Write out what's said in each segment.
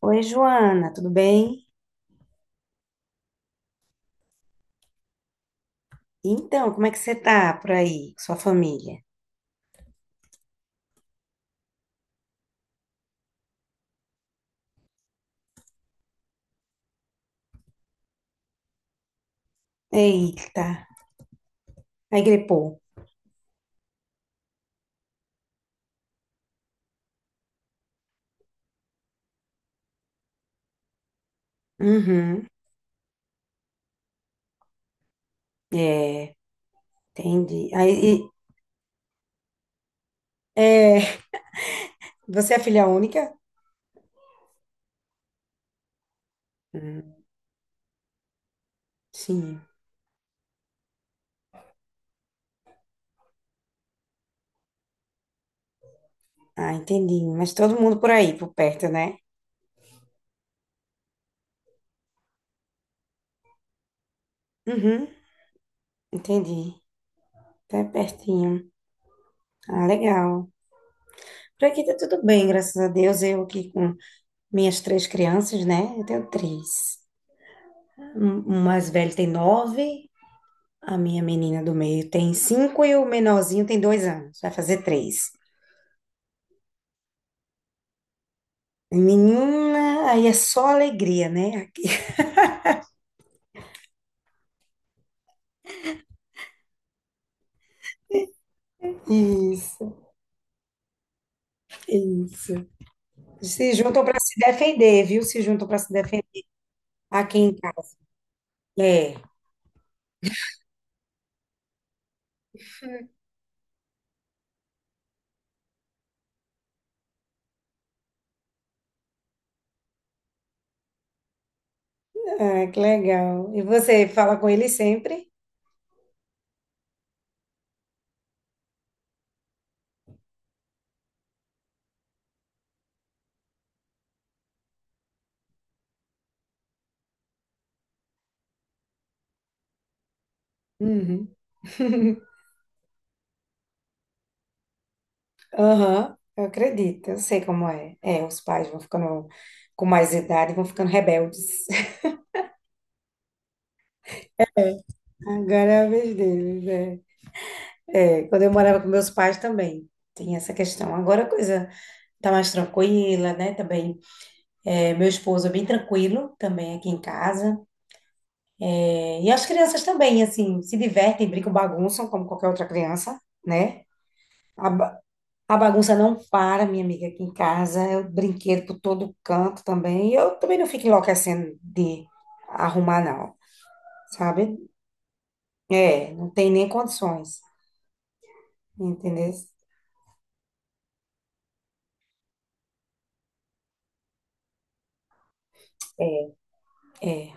Oi, Joana, tudo bem? Então, como é que você tá por aí, com sua família? Eita, aí gripou. Uhum, é, entendi. Aí, e- é, você é filha única? Hum, sim. Ah, entendi. Mas todo mundo por aí, por perto, né? Uhum, entendi. Tá pertinho. Ah, legal. Por aqui tá tudo bem, graças a Deus. Eu aqui com minhas três crianças, né? Eu tenho três. O mais velho tem 9. A minha menina do meio tem 5 e o menorzinho tem 2 anos, vai fazer 3. Menina, aí é só alegria, né? Aqui. Isso, isso. Se juntam para se defender, viu? Se juntam para se defender aqui em casa. É. Ah, que legal. E você fala com ele sempre? Uhum. Aham, eu acredito, eu sei como é. É, os pais vão ficando com mais idade, vão ficando rebeldes. Agora é a vez deles, é. É, quando eu morava com meus pais também tem essa questão. Agora a coisa tá mais tranquila, né? Também é, meu esposo é bem tranquilo também aqui em casa. É, e as crianças também, assim, se divertem, brincam, bagunçam como qualquer outra criança, né? A, ba- a bagunça não para, minha amiga, aqui em casa. É o brinquedo por todo canto também. E eu também não fico enlouquecendo de arrumar, não, sabe? É, não tem nem condições, entendeu? É, é.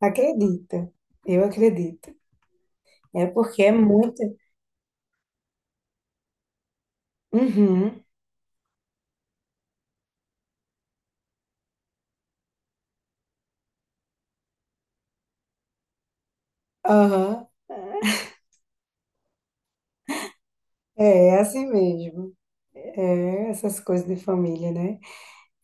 Acredita, eu acredito. É porque é muito. Uhum, aham. É, é assim mesmo. É essas coisas de família, né?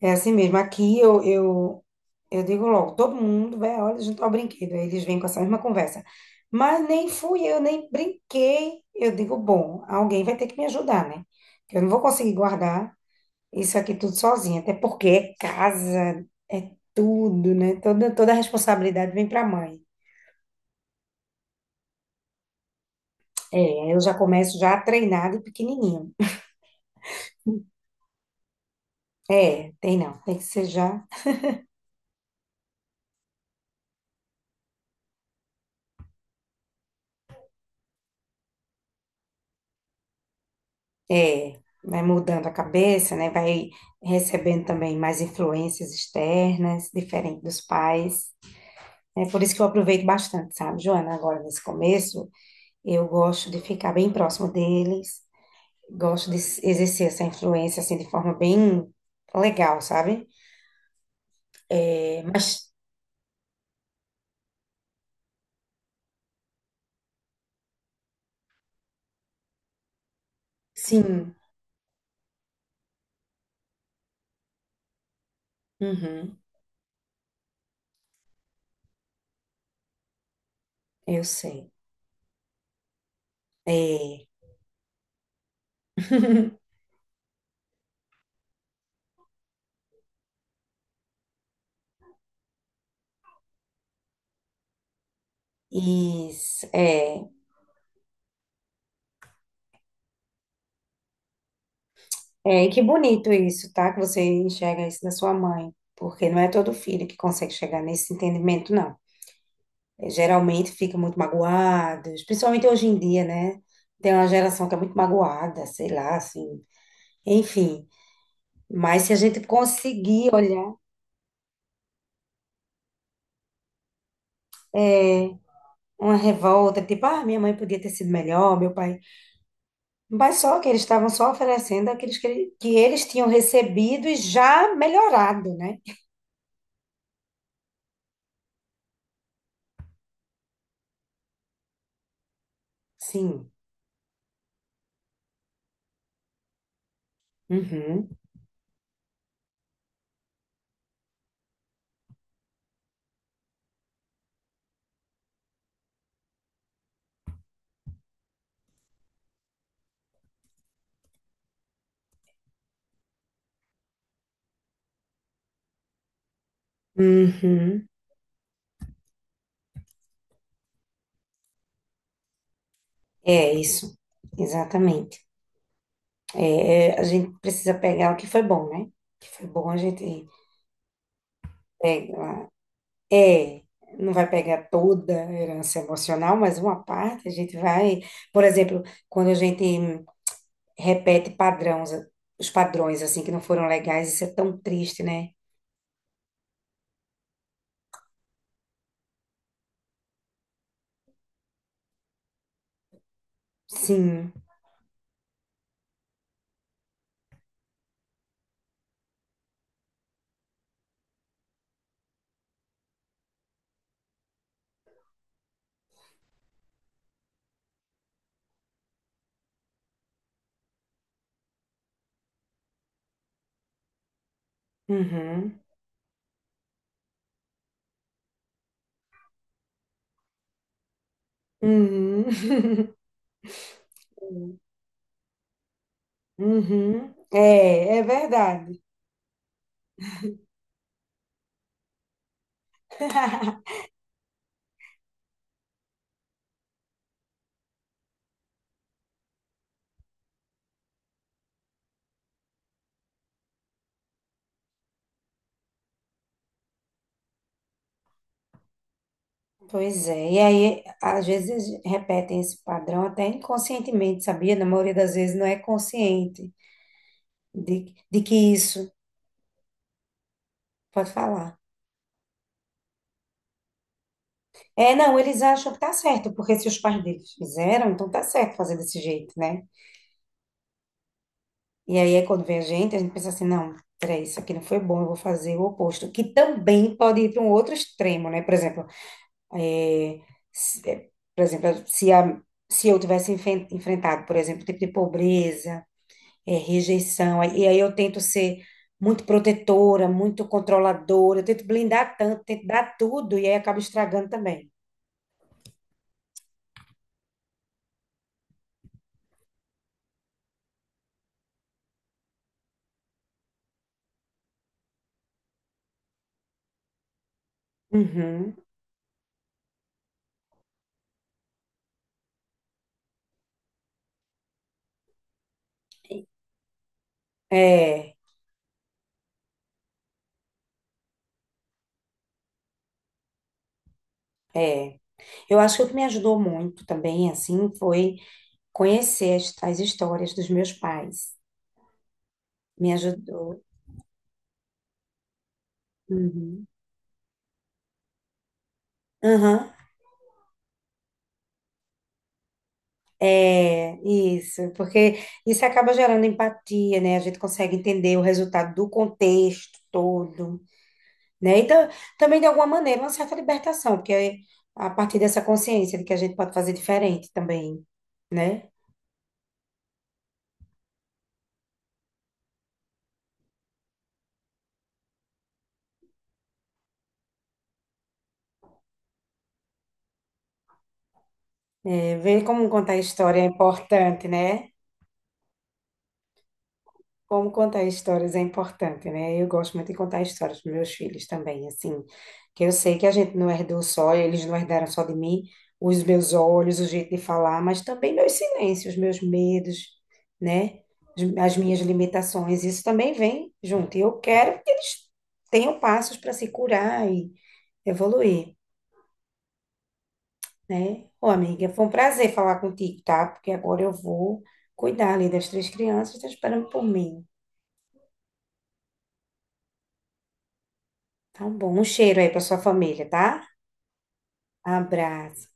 É assim mesmo. Aqui eu digo logo, todo mundo vai, olha, junto ao brinquedo. Aí eles vêm com essa mesma conversa. Mas nem fui eu, nem brinquei. Eu digo, bom, alguém vai ter que me ajudar, né? Que eu não vou conseguir guardar isso aqui tudo sozinha. Até porque é casa, é tudo, né? Toda a responsabilidade vem para a mãe. É, eu já começo já treinado treinar pequenininho. É, tem não, tem que ser já. É, vai mudando a cabeça, né? Vai recebendo também mais influências externas, diferente dos pais. É por isso que eu aproveito bastante, sabe, Joana? Agora, nesse começo, eu gosto de ficar bem próximo deles, gosto de exercer essa influência, assim, de forma bem legal, sabe? É, mas, sim, uhum, eu sei. É. Isso, é. É, e que bonito isso, tá? Que você enxerga isso na sua mãe, porque não é todo filho que consegue chegar nesse entendimento, não. É, geralmente fica muito magoado, principalmente hoje em dia, né? Tem uma geração que é muito magoada, sei lá, assim. Enfim, mas se a gente conseguir olhar é, uma revolta, tipo, ah, minha mãe podia ter sido melhor, meu pai. Mas só que eles estavam só oferecendo aqueles que, que eles tinham recebido e já melhorado, né? Sim. Uhum. Uhum. É isso, exatamente. É, é, a gente precisa pegar o que foi bom, né? O que foi bom a gente pega. É, não vai pegar toda a herança emocional, mas uma parte a gente vai. Por exemplo, quando a gente repete padrões, os padrões assim que não foram legais, isso é tão triste, né? Sim. Uhum. Uhum. Uhum. É, é verdade. Pois é, e aí às vezes eles repetem esse padrão até inconscientemente, sabia? Na maioria das vezes não é consciente de que isso pode falar. É, não, eles acham que tá certo, porque se os pais deles fizeram, então tá certo fazer desse jeito, né? E aí é quando vem a gente pensa assim, não, peraí, isso aqui não foi bom, eu vou fazer o oposto, que também pode ir para um outro extremo, né? Por exemplo, é, é, por exemplo, se eu tivesse enfrentado, por exemplo, o tipo de pobreza é rejeição. E aí eu tento ser muito protetora, muito controladora, eu tento blindar tanto, tento dar tudo e aí acaba estragando também. Uhum. É, é. Eu acho que o que me ajudou muito também, assim, foi conhecer as histórias dos meus pais. Me ajudou. Uhum. Aham. É, isso, porque isso acaba gerando empatia, né? A gente consegue entender o resultado do contexto todo. Né? E também, de alguma maneira, uma certa libertação, porque é a partir dessa consciência de que a gente pode fazer diferente também, né? É, ver como contar a história é importante, né? Como contar histórias é importante, né? Eu gosto muito de contar histórias para meus filhos também, assim, que eu sei que a gente não herdou só, eles não herdaram só de mim, os meus olhos, o jeito de falar, mas também meus silêncios, meus medos, né? As minhas limitações, isso também vem junto. E eu quero que eles tenham passos para se curar e evoluir, né? Ô, amiga, foi um prazer falar contigo, tá? Porque agora eu vou cuidar ali das três crianças, estão esperando por mim. Tá bom. Um cheiro aí pra sua família, tá? Abraço.